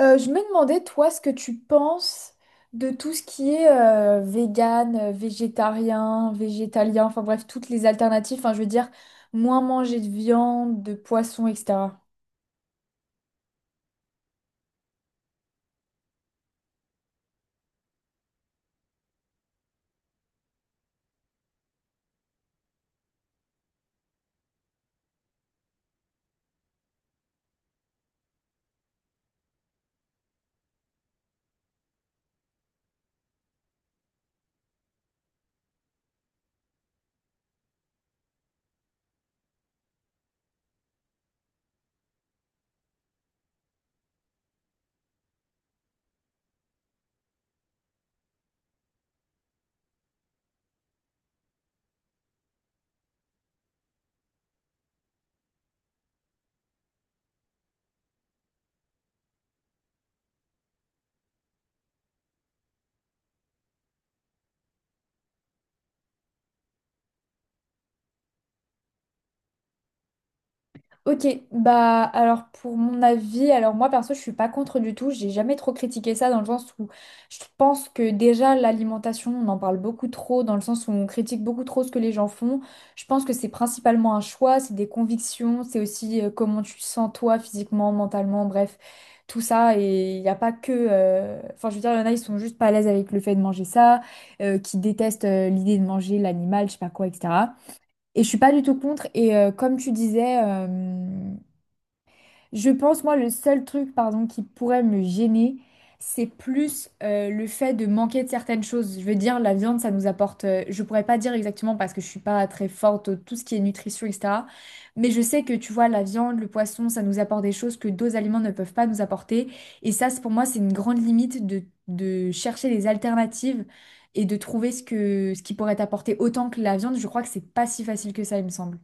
Je me demandais, toi, ce que tu penses de tout ce qui est vegan, végétarien, végétalien, enfin bref, toutes les alternatives, enfin je veux dire, moins manger de viande, de poisson, etc. Ok, bah alors pour mon avis, alors moi perso je suis pas contre du tout. J'ai jamais trop critiqué ça dans le sens où je pense que déjà l'alimentation on en parle beaucoup trop, dans le sens où on critique beaucoup trop ce que les gens font. Je pense que c'est principalement un choix, c'est des convictions, c'est aussi comment tu te sens toi physiquement, mentalement, bref, tout ça. Et il n'y a pas que... Enfin je veux dire, il y en a ils sont juste pas à l'aise avec le fait de manger ça, qui détestent l'idée de manger l'animal, je sais pas quoi, etc. Et je suis pas du tout contre. Et comme tu disais, je pense, moi, le seul truc, pardon, qui pourrait me gêner, c'est plus le fait de manquer de certaines choses. Je veux dire, la viande, ça nous apporte. Je pourrais pas dire exactement parce que je suis pas très forte, tout ce qui est nutrition, etc. Mais je sais que, tu vois, la viande, le poisson, ça nous apporte des choses que d'autres aliments ne peuvent pas nous apporter. Et ça, pour moi, c'est une grande limite de chercher des alternatives et de trouver ce que, ce qui pourrait t'apporter autant que la viande. Je crois que c'est pas si facile que ça, il me semble.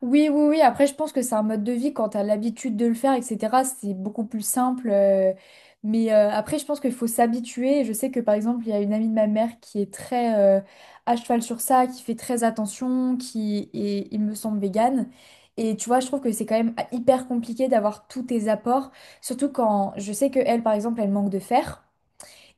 Oui, oui, oui. Après, je pense que c'est un mode de vie quand tu as l'habitude de le faire, etc. C'est beaucoup plus simple. Mais après, je pense qu'il faut s'habituer. Et je sais que, par exemple, il y a une amie de ma mère qui est très à cheval sur ça, qui fait très attention, qui est, il me semble, végane. Et tu vois, je trouve que c'est quand même ah, hyper compliqué d'avoir tous tes apports. Surtout quand je sais que elle, par exemple, elle manque de fer.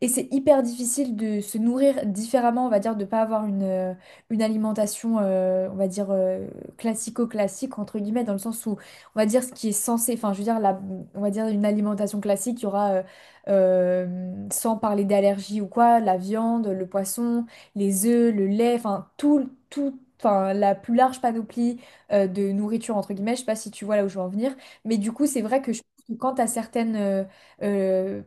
Et c'est hyper difficile de se nourrir différemment, on va dire, de pas avoir une alimentation, on va dire, classico-classique, entre guillemets, dans le sens où, on va dire, ce qui est censé, enfin, je veux dire, la, on va dire une alimentation classique, il y aura, sans parler d'allergie ou quoi, la viande, le poisson, les œufs, le lait, enfin, tout, tout, enfin, la plus large panoplie, de nourriture, entre guillemets, je sais pas si tu vois là où je veux en venir, mais du coup, c'est vrai que je pense que quand à certaines... euh,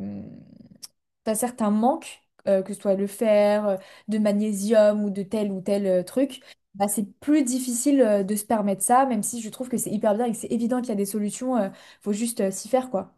t'as certains manques, que ce soit le fer, de magnésium ou de tel ou tel truc, bah, c'est plus difficile de se permettre ça, même si je trouve que c'est hyper bien et que c'est évident qu'il y a des solutions, faut juste s'y faire, quoi.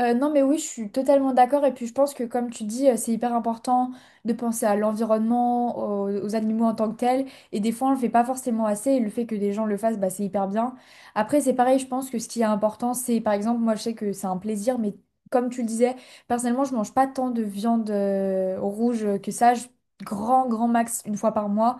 Non, mais oui, je suis totalement d'accord. Et puis, je pense que, comme tu dis, c'est hyper important de penser à l'environnement, aux animaux en tant que tels. Et des fois, on le fait pas forcément assez. Et le fait que des gens le fassent, bah, c'est hyper bien. Après, c'est pareil, je pense que ce qui est important, c'est, par exemple, moi, je sais que c'est un plaisir, mais comme tu le disais, personnellement, je mange pas tant de viande rouge que ça. Grand, grand max, une fois par mois.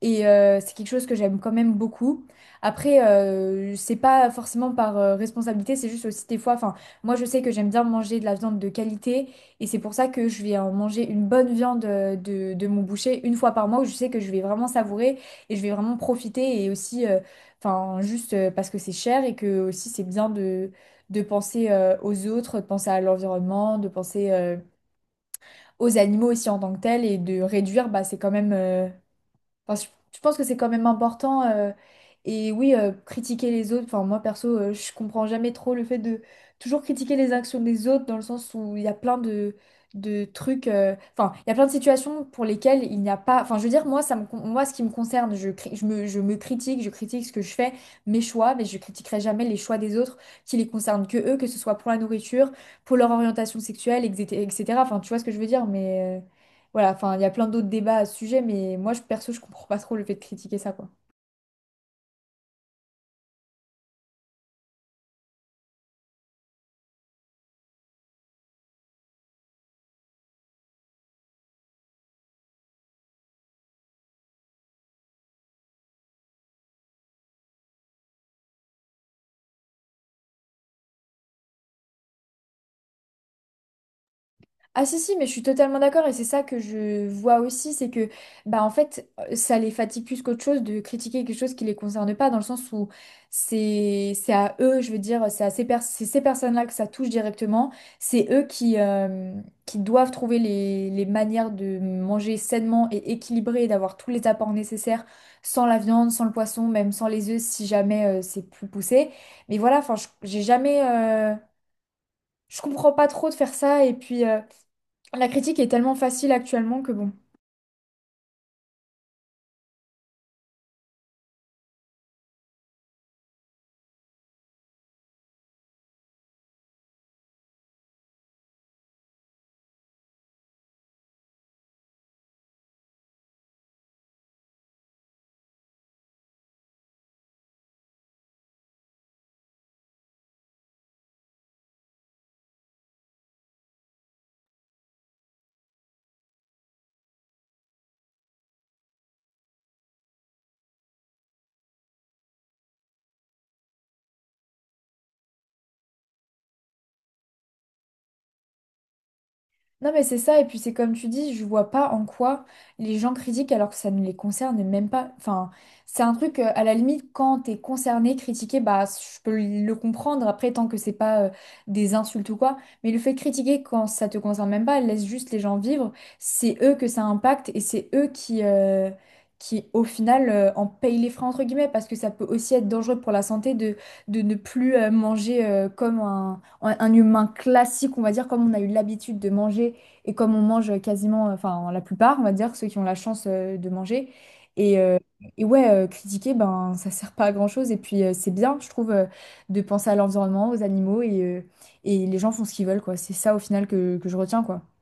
Et c'est quelque chose que j'aime quand même beaucoup. Après, c'est pas forcément par responsabilité, c'est juste aussi des fois. Enfin, moi, je sais que j'aime bien manger de la viande de qualité, et c'est pour ça que je vais en manger une bonne viande de mon boucher une fois par mois, où je sais que je vais vraiment savourer et je vais vraiment profiter, et aussi, enfin, juste parce que c'est cher et que aussi c'est bien de penser aux autres, de penser à l'environnement, de penser aux animaux aussi en tant que tels, et de réduire, bah, c'est quand même enfin, je pense que c'est quand même important. Et oui, critiquer les autres. Enfin, moi, perso, je comprends jamais trop le fait de toujours critiquer les actions des autres dans le sens où il y a plein de trucs. Enfin, il y a plein de situations pour lesquelles il n'y a pas. Enfin, je veux dire, moi, ce qui me concerne, je me critique, je critique ce que je fais, mes choix, mais je critiquerai jamais les choix des autres qui les concernent que eux, que ce soit pour la nourriture, pour leur orientation sexuelle, etc. etc. Enfin, tu vois ce que je veux dire, mais. Voilà, enfin, il y a plein d'autres débats à ce sujet, mais moi, perso, je comprends pas trop le fait de critiquer ça, quoi. Ah, si si, mais je suis totalement d'accord. Et c'est ça que je vois aussi, c'est que bah en fait ça les fatigue plus qu'autre chose de critiquer quelque chose qui les concerne pas, dans le sens où c'est à eux. Je veux dire, c'est à c'est ces personnes-là que ça touche directement, c'est eux qui doivent trouver les manières de manger sainement et équilibré et d'avoir tous les apports nécessaires sans la viande, sans le poisson, même sans les œufs si jamais c'est plus poussé. Mais voilà, enfin, j'ai jamais je comprends pas trop de faire ça. Et puis la critique est tellement facile actuellement que bon. Non mais c'est ça, et puis c'est comme tu dis, je vois pas en quoi les gens critiquent alors que ça ne les concerne même pas. Enfin, c'est un truc, à la limite, quand t'es concerné, critiqué, bah je peux le comprendre, après tant que c'est pas des insultes ou quoi, mais le fait de critiquer quand ça te concerne même pas, laisse juste les gens vivre, c'est eux que ça impacte, et c'est eux qui au final en payent les frais entre guillemets, parce que ça peut aussi être dangereux pour la santé de ne plus manger comme un humain classique, on va dire, comme on a eu l'habitude de manger et comme on mange quasiment, enfin la plupart, on va dire, ceux qui ont la chance de manger. Et, ouais, critiquer, ben, ça sert pas à grand-chose. Et puis c'est bien, je trouve, de penser à l'environnement, aux animaux, et les gens font ce qu'ils veulent, quoi. C'est ça au final que je retiens, quoi.